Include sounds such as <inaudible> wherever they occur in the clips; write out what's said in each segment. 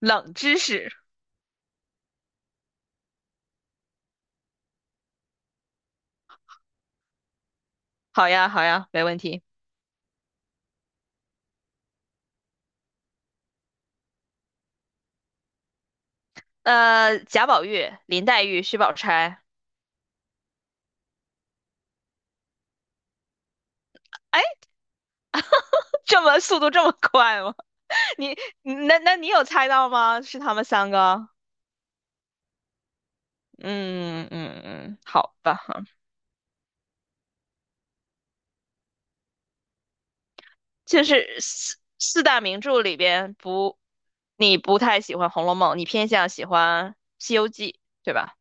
冷知识，好呀，好呀，没问题。贾宝玉、林黛玉、薛宝钗，哎，这么速度这么快吗？<laughs> 你，那你有猜到吗？是他们三个？嗯嗯嗯，好吧，就是四大名著里边不，你不太喜欢《红楼梦》，你偏向喜欢《西游记》，对吧？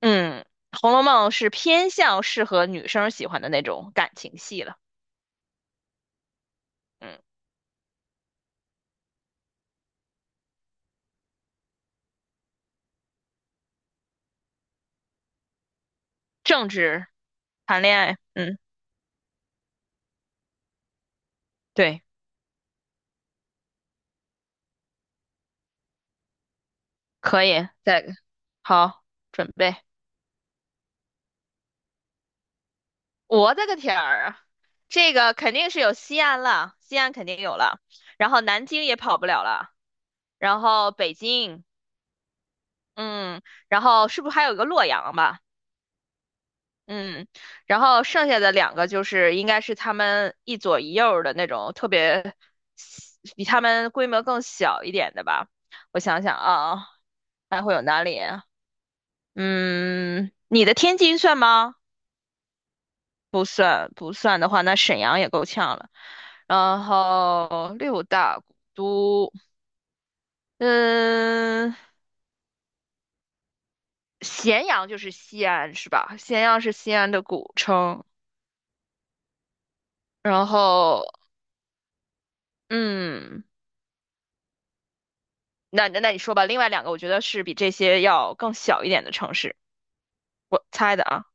嗯，《红楼梦》是偏向适合女生喜欢的那种感情戏了。嗯，政治、谈恋爱，嗯，对。可以，再个好，准备。我的个天儿啊！这个肯定是有西安了，西安肯定有了，然后南京也跑不了了，然后北京，嗯，然后是不是还有一个洛阳吧？嗯，然后剩下的两个就是应该是他们一左一右儿的那种特别比他们规模更小一点的吧。我想想啊，还会有哪里啊？嗯，你的天津算吗？不算不算的话，那沈阳也够呛了。然后六大古都，嗯，咸阳就是西安是吧？咸阳是西安的古称。然后，嗯，那你说吧，另外两个我觉得是比这些要更小一点的城市，我猜的啊。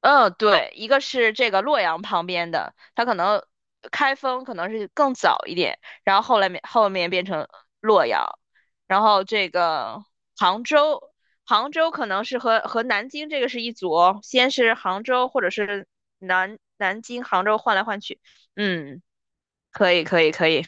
嗯，对，一个是这个洛阳旁边的，它可能开封可能是更早一点，然后后来后面变成洛阳，然后这个杭州，杭州可能是和南京这个是一组哦，先是杭州或者是南京、杭州换来换去，嗯，可以可以可以，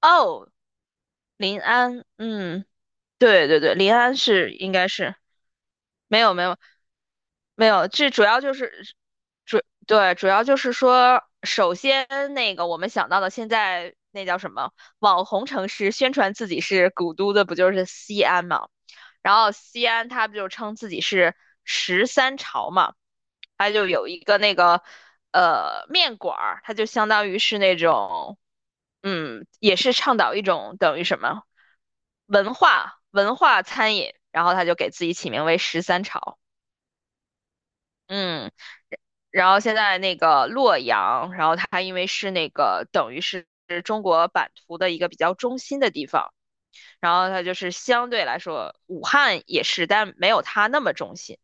哦，临安，嗯。对对对，临安是应该是没有没有没有，这主要就是主要就是说，首先那个我们想到的现在那叫什么网红城市，宣传自己是古都的，不就是西安吗？然后西安他不就称自己是十三朝嘛，他就有一个那个面馆儿，它就相当于是那种嗯，也是倡导一种等于什么文化餐饮，然后他就给自己起名为十三朝，嗯。然后现在那个洛阳，然后它因为是那个等于是中国版图的一个比较中心的地方，然后它就是相对来说，武汉也是，但没有它那么中心。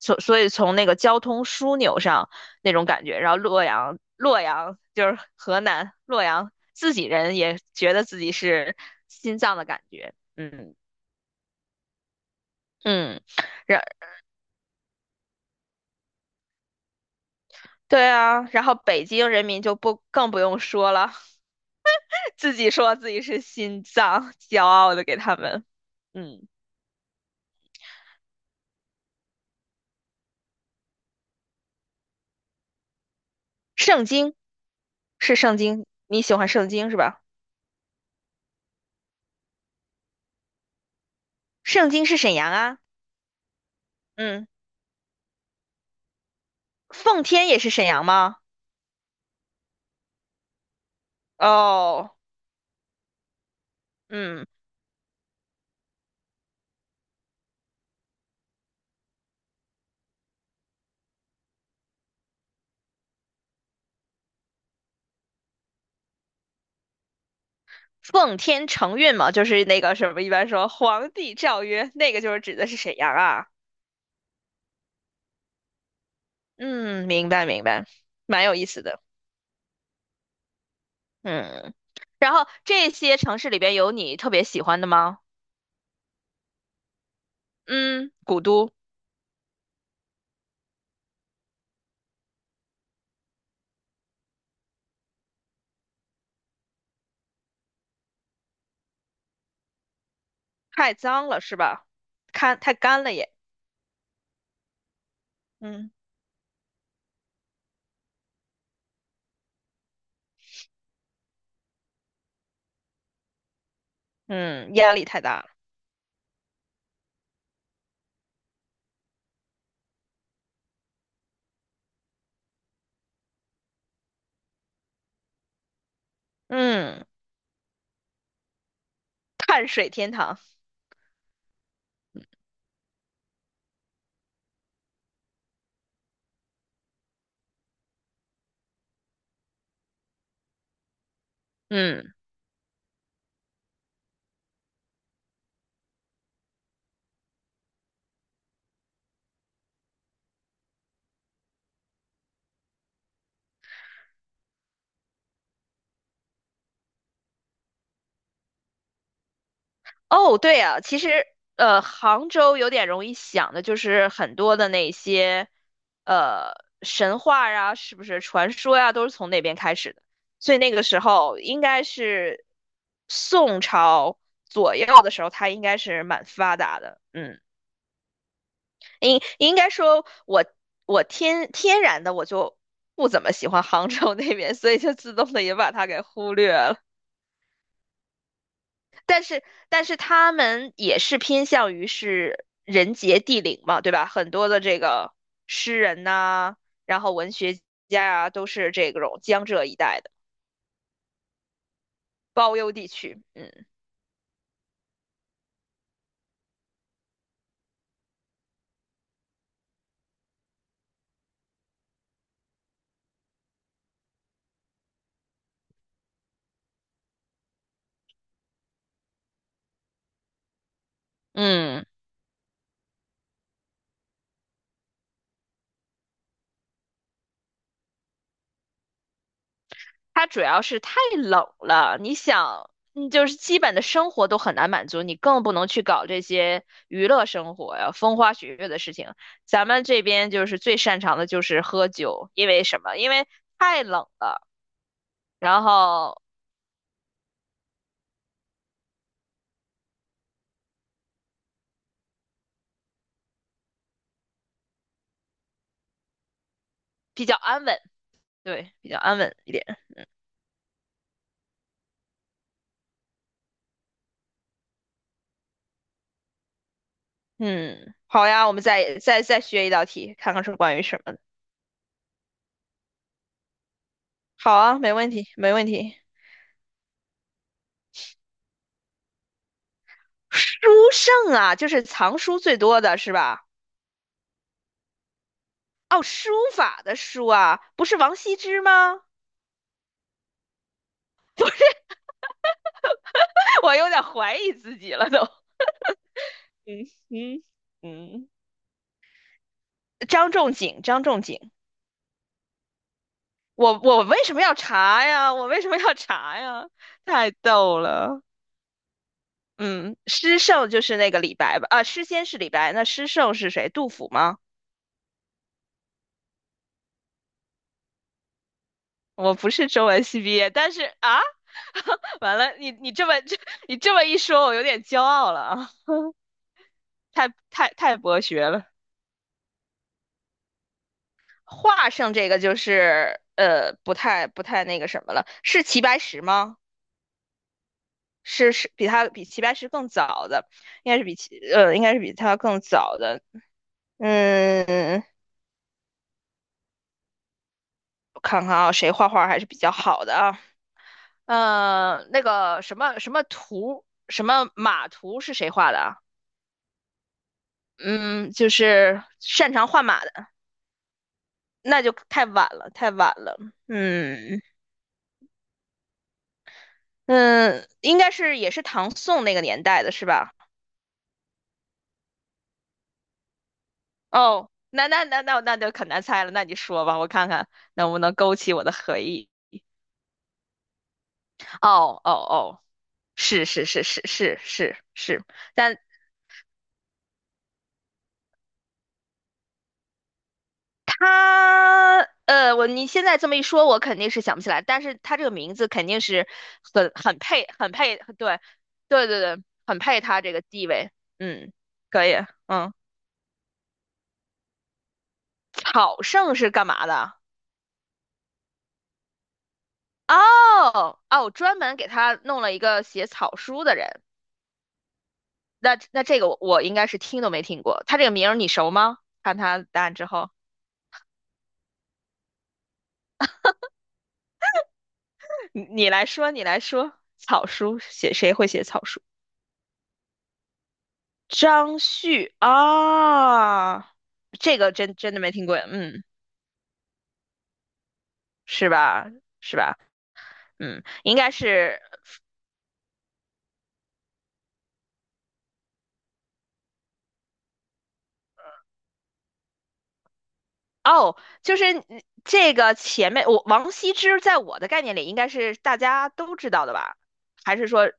所以从那个交通枢纽上那种感觉，然后洛阳，洛阳就是河南洛阳，自己人也觉得自己是心脏的感觉，嗯嗯，然对啊，然后北京人民就不更不用说了，<laughs> 自己说自己是心脏，骄傲的给他们，嗯，圣经是圣经，你喜欢圣经是吧？圣经是沈阳啊，嗯。奉天也是沈阳吗？哦，嗯，奉天承运嘛，就是那个什么，一般说皇帝诏曰，那个就是指的是沈阳啊。嗯，明白明白，蛮有意思的。嗯，然后这些城市里边有你特别喜欢的吗？嗯，古都太脏了是吧？看太干了也。嗯嗯，压力太大了。嗯，碳水天堂。嗯。哦，对啊，其实杭州有点容易想的就是很多的那些呃神话呀，是不是传说呀，都是从那边开始的。所以那个时候应该是宋朝左右的时候，它应该是蛮发达的。嗯，应该说我天然的我就不怎么喜欢杭州那边，所以就自动的也把它给忽略了。但是但是他们也是偏向于是人杰地灵嘛，对吧？很多的这个诗人呐、然后文学家啊，都是这种江浙一带的包邮地区。嗯嗯，它主要是太冷了，你想。嗯，就是基本的生活都很难满足，你更不能去搞这些娱乐生活呀、风花雪月的事情。咱们这边就是最擅长的就是喝酒，因为什么？因为太冷了，然后比较安稳，对，比较安稳一点。嗯，好呀，我们再学一道题，看看是关于什么的。好啊，没问题，没问题。书圣啊，就是藏书最多的是吧？哦，书法的书啊，不是王羲之吗？<laughs> 我有点怀疑自己了都。嗯嗯嗯，张仲景，张仲景，我为什么要查呀？我为什么要查呀？太逗了。嗯，诗圣就是那个李白吧？啊，诗仙是李白，那诗圣是谁？杜甫吗？我不是中文系毕业，但是啊，<laughs> 完了，你你这么这 <laughs> 你这么一说，我有点骄傲了啊，太太太博学了。画上这个就是不太那个什么了，是齐白石吗？是比齐白石更早的，应该是比他更早的。嗯，我看看啊，谁画画还是比较好的啊？那个什么什么图什么马图是谁画的啊？嗯，就是擅长换马的，那就太晚了，太晚了。嗯嗯，应该是也是唐宋那个年代的是吧？哦，那就可难猜了，那你说吧，我看看能不能勾起我的回忆。哦哦哦，是是是是是是是，但他你现在这么一说，我肯定是想不起来，但是他这个名字肯定是很配，很配，对，对对对，很配他这个地位。嗯，可以，嗯，草圣是干嘛的？哦哦，专门给他弄了一个写草书的人。那这个我应该是听都没听过，他这个名儿你熟吗？看他答案之后，你来说，你来说，草书写谁会写草书？张旭啊，这个真的没听过，嗯，是吧？是吧？嗯，应该是哦，就是这个前面王羲之在我的概念里应该是大家都知道的吧？还是说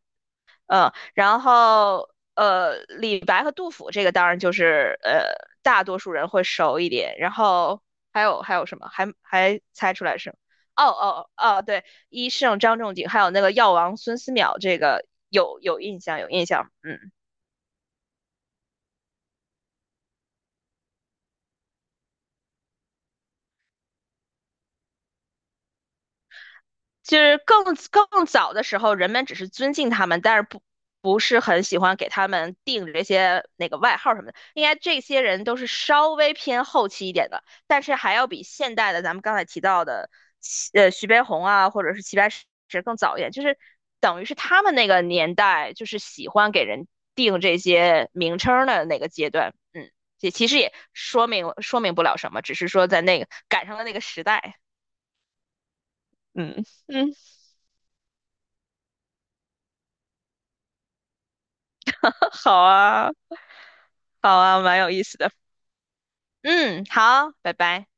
然后李白和杜甫这个当然就是大多数人会熟一点。然后还有什么？还猜出来是吗？哦哦哦，哦对，医圣张仲景，还有那个药王孙思邈，这个有印象有印象。嗯。就是更早的时候，人们只是尊敬他们，但是不是很喜欢给他们定这些那个外号什么的。应该这些人都是稍微偏后期一点的，但是还要比现代的咱们刚才提到的，徐悲鸿啊，或者是齐白石更早一点，就是等于是他们那个年代就是喜欢给人定这些名称的那个阶段。嗯，也其实也说明不了什么，只是说在那个赶上了那个时代。嗯嗯，<laughs> 好啊。好啊，蛮有意思的。嗯，好，拜拜。